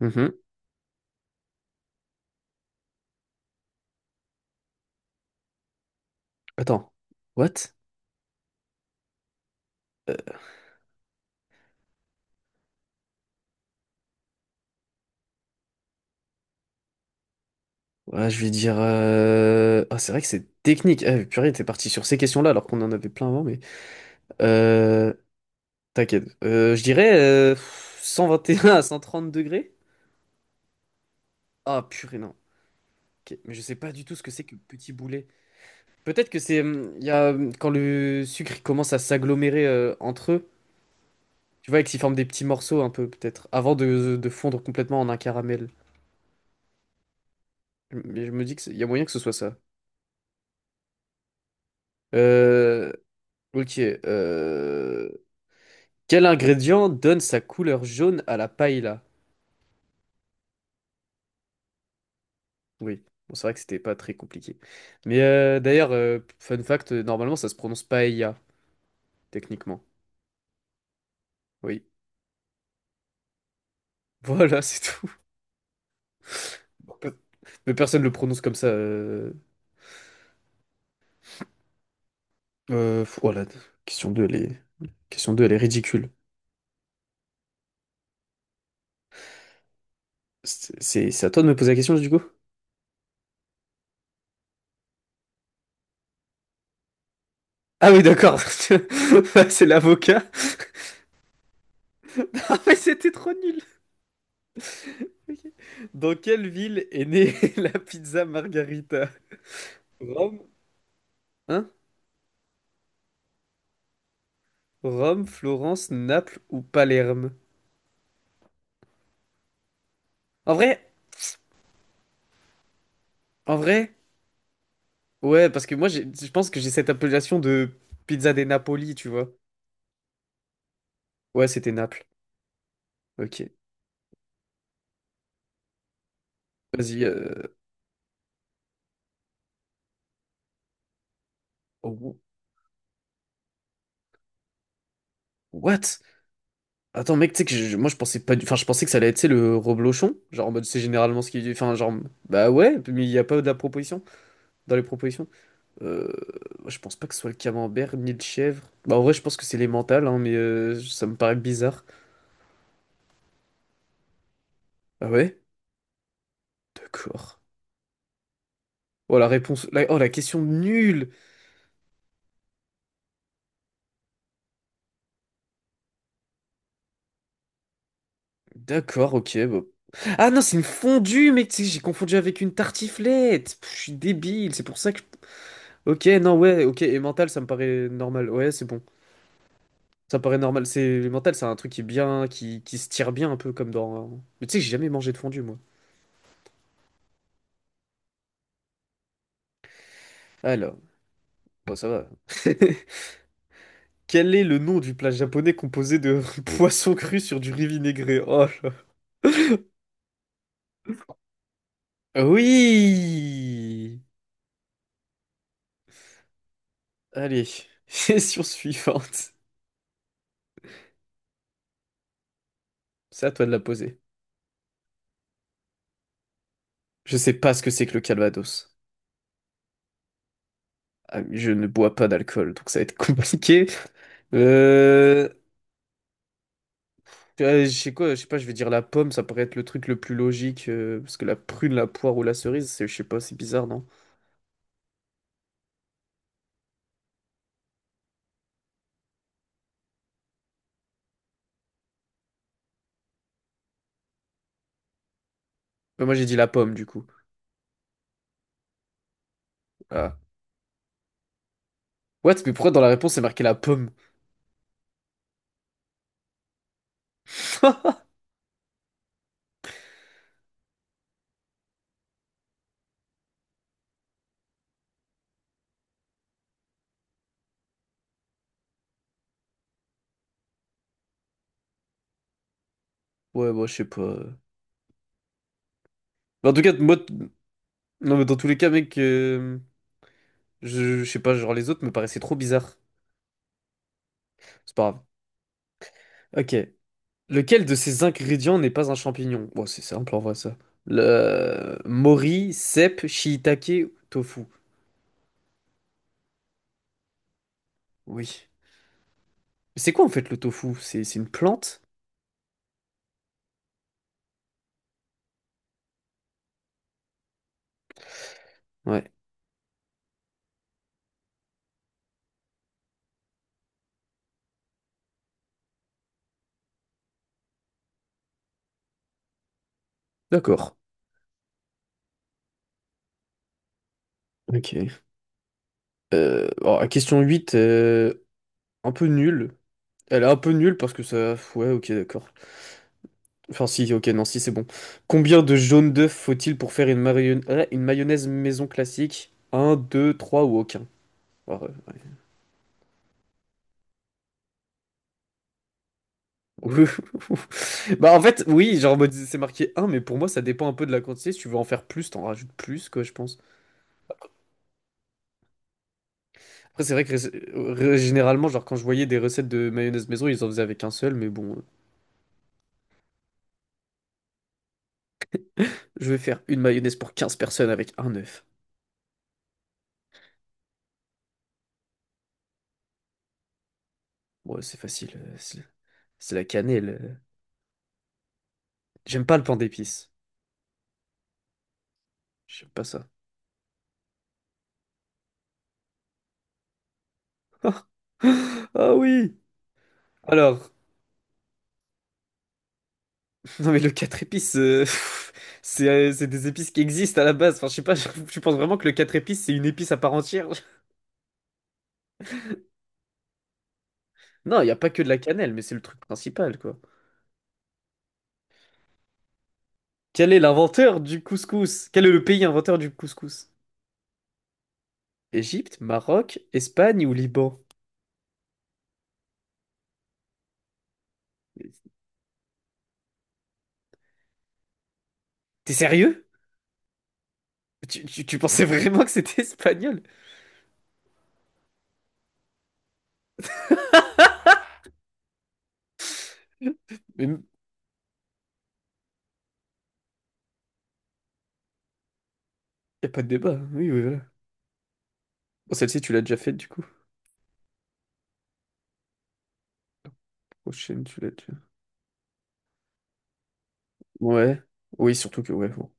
Mhm. Attends. What? Ouais, je vais dire, ah, c'est vrai que c'est technique. Ah, purée, t'es parti sur ces questions-là alors qu'on en avait plein avant, mais. Euh, T'inquiète. Je dirais 121 à 130 degrés. Ah, purée, non. Ok. Mais je sais pas du tout ce que c'est que petit boulet. Peut-être que c'est, il y a, quand le sucre il commence à s'agglomérer entre eux, tu vois, et qu'ils forment des petits morceaux un peu, peut-être, avant de fondre complètement en un caramel. Mais je me dis qu'il y a moyen que ce soit ça. Euh. Ok, Quel ingrédient donne sa couleur jaune à la paella? Oui, bon, c'est vrai que c'était pas très compliqué. Mais d'ailleurs, fun fact, normalement ça se prononce paella, techniquement. Oui, voilà, c'est tout. Mais personne le prononce comme ça. Voilà, question 2 elle est... question 2 elle est ridicule. C'est à toi de me poser la question, du coup? Ah oui, d'accord. C'est l'avocat. Ah, mais c'était trop nul. Ok. Dans quelle ville est née la pizza Margarita? Rome? Hein? Rome, Florence, Naples ou Palerme? En vrai, en vrai, ouais, parce que moi, je pense que j'ai cette appellation de pizza des Napoli, tu vois. Ouais, c'était Naples. Ok. Vas-y. Oh, what? Attends, mec, tu sais que moi, je pensais pas du... Enfin, je pensais que ça allait être, tu sais, le reblochon. Genre, en mode, c'est généralement ce qui... Enfin, genre... Bah ouais, mais il n'y a pas de la proposition. Dans les propositions. Euh, je pense pas que ce soit le camembert, ni le chèvre. Bah, en vrai, je pense que c'est les mentales, hein, mais ça me paraît bizarre. Ah ouais? D'accord. Oh, la réponse. Oh, la question nulle! D'accord, ok, bah. Ah non, c'est une fondue, mec! Tu sais, j'ai confondu avec une tartiflette! Je suis débile, c'est pour ça que. Ok, non, ouais, ok. Et mental, ça me paraît normal. Ouais, c'est bon. Ça me paraît normal. Le mental, c'est un truc qui est bien, qui se tire bien un peu comme dans. Mais tu sais que j'ai jamais mangé de fondue, moi. Alors, bon, ça va. Quel est le nom du plat japonais composé de poisson cru sur du riz vinaigré? Oh là. Oui! Allez, question suivante. C'est à toi de la poser. Je sais pas ce que c'est que le Calvados. Ah, je ne bois pas d'alcool, donc ça va être compliqué. Euh... je sais quoi, je sais pas, je vais dire la pomme, ça paraît être le truc le plus logique, parce que la prune, la poire ou la cerise, je sais pas, c'est bizarre, non? Mais moi j'ai dit la pomme, du coup. Ah. What? Mais pourquoi dans la réponse c'est marqué la pomme? Ouais, moi je sais pas. Mais en tout cas, non mais dans tous les cas, mec, je sais pas, genre les autres me paraissaient trop bizarres. C'est pas grave. Ok. Lequel de ces ingrédients n'est pas un champignon? Bon, c'est simple en vrai ça. Le mori, cèpe, shiitake, tofu. Oui. Mais c'est quoi en fait le tofu? C'est une plante? Ouais. D'accord. Ok. Alors, la question 8, un peu nulle. Elle est un peu nulle parce que ça... Ouais, ok, d'accord. Enfin si, ok, non, si, c'est bon. Combien de jaunes d'œufs faut-il pour faire une mayonnaise maison classique? Un, 2, 3 ou aucun? Alors, oui, bah en fait, oui, genre en mode, c'est marqué un, mais pour moi ça dépend un peu de la quantité. Si tu veux en faire plus, t'en rajoutes plus, quoi, je pense. Après c'est vrai que généralement, genre, quand je voyais des recettes de mayonnaise maison, ils en faisaient avec un seul, mais bon, je vais faire une mayonnaise pour 15 personnes avec un œuf. Ouais, c'est facile, c'est la cannelle. J'aime pas le pain d'épices. J'aime pas ça. Ah oui. Alors non, mais le 4 épices, c'est des épices qui existent à la base, enfin je sais pas, je pense vraiment que le 4 épices c'est une épice à part entière. Non, il n'y a pas que de la cannelle, mais c'est le truc principal, quoi. Quel est l'inventeur du couscous? Quel est le pays inventeur du couscous? Égypte, Maroc, Espagne ou Liban? T'es sérieux? Tu pensais vraiment que c'était espagnol? Mais il a pas de débat, hein. Oui, oui, voilà. Bon, celle-ci, tu l'as déjà faite, du coup. Prochaine, tu l'as déjà. Ouais. Oui, surtout que, ouais, bon.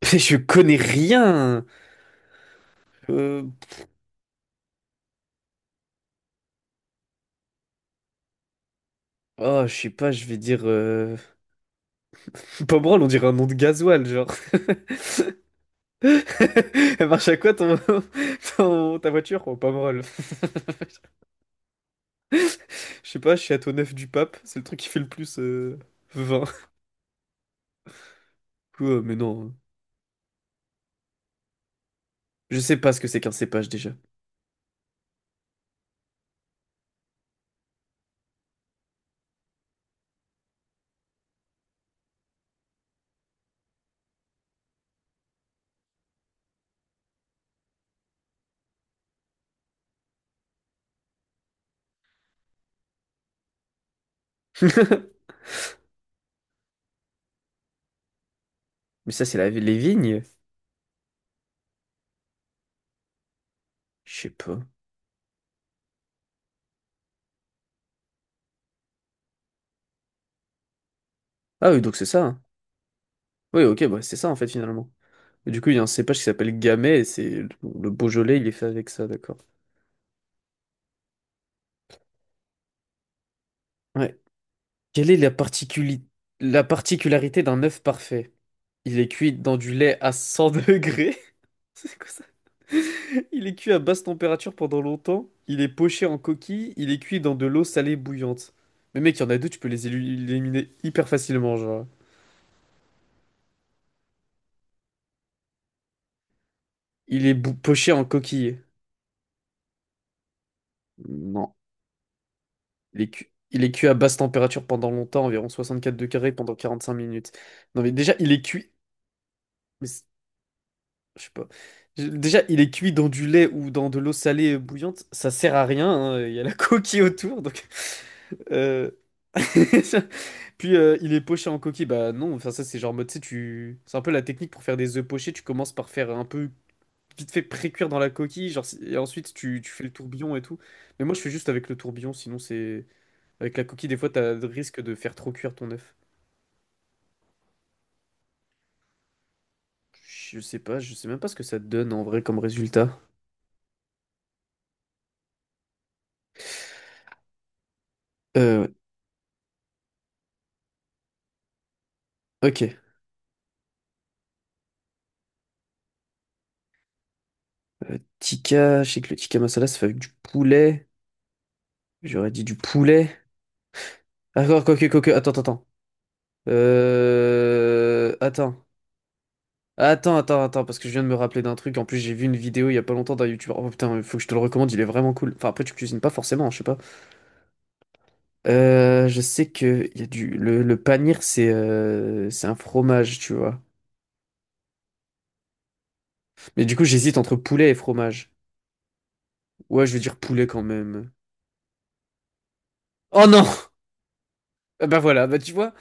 Je connais rien! Euh... Oh, je sais pas, je vais dire... Pomerol, on dirait un nom de gasoil, genre. Elle marche à quoi ton, ta voiture? Oh, pas mal. Je sais pas, je suis à ton 9 du pape. C'est le truc qui fait le plus vin. Quoi, mais non. Je sais pas ce que c'est qu'un cépage déjà. Mais ça, c'est les vignes? Je sais pas. Ah oui, donc c'est ça, hein. Oui, ok, bah c'est ça en fait finalement. Et du coup, il y a un cépage qui s'appelle Gamay et c'est le Beaujolais, il est fait avec ça, d'accord. Ouais. Quelle est la particularité d'un œuf parfait? Il est cuit dans du lait à 100 degrés. C'est quoi? Il est cuit à basse température pendant longtemps, il est poché en coquille, il est cuit dans de l'eau salée bouillante. Mais mec, il y en a deux, tu peux les éliminer hyper facilement, genre. Il est poché en coquille. Non. Il est cuit. Il est cuit à basse température pendant longtemps, environ 64 degrés pendant 45 minutes. Non mais déjà, il est cuit. Mais je sais pas. Déjà, il est cuit dans du lait ou dans de l'eau salée bouillante, ça sert à rien, hein. Il y a la coquille autour, donc. Euh, Puis il est poché en coquille. Bah non, enfin ça c'est genre mode, tu sais, tu... C'est un peu la technique pour faire des œufs pochés. Tu commences par faire un peu vite fait pré-cuire dans la coquille, genre, et ensuite tu fais le tourbillon et tout. Mais moi je fais juste avec le tourbillon, sinon c'est... Avec la coquille, des fois t'as le risque de faire trop cuire ton œuf. Je sais pas, je sais même pas ce que ça te donne en vrai comme résultat. Euh, ouais, ok. Tikka, je sais que le tikka masala ça fait avec du poulet. J'aurais dit du poulet. D'accord, quoi que, quoi. Attends, attends, attends. Attends. Attends, attends, attends, parce que je viens de me rappeler d'un truc. En plus, j'ai vu une vidéo il y a pas longtemps d'un youtubeur. Oh putain, il faut que je te le recommande, il est vraiment cool. Enfin, après, tu cuisines pas forcément, je sais pas. Je sais que il y a du... le panir, c'est un fromage, tu vois. Mais du coup, j'hésite entre poulet et fromage. Ouais, je vais dire poulet quand même. Oh non! Ah, bah voilà, bah tu vois,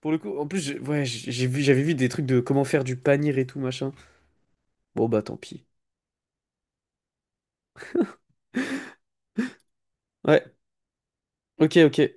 pour le coup, en plus, ouais, j'ai vu, j'avais vu des trucs de comment faire du panir et tout, machin. Bon, bah tant pis. Ouais, ok, ok.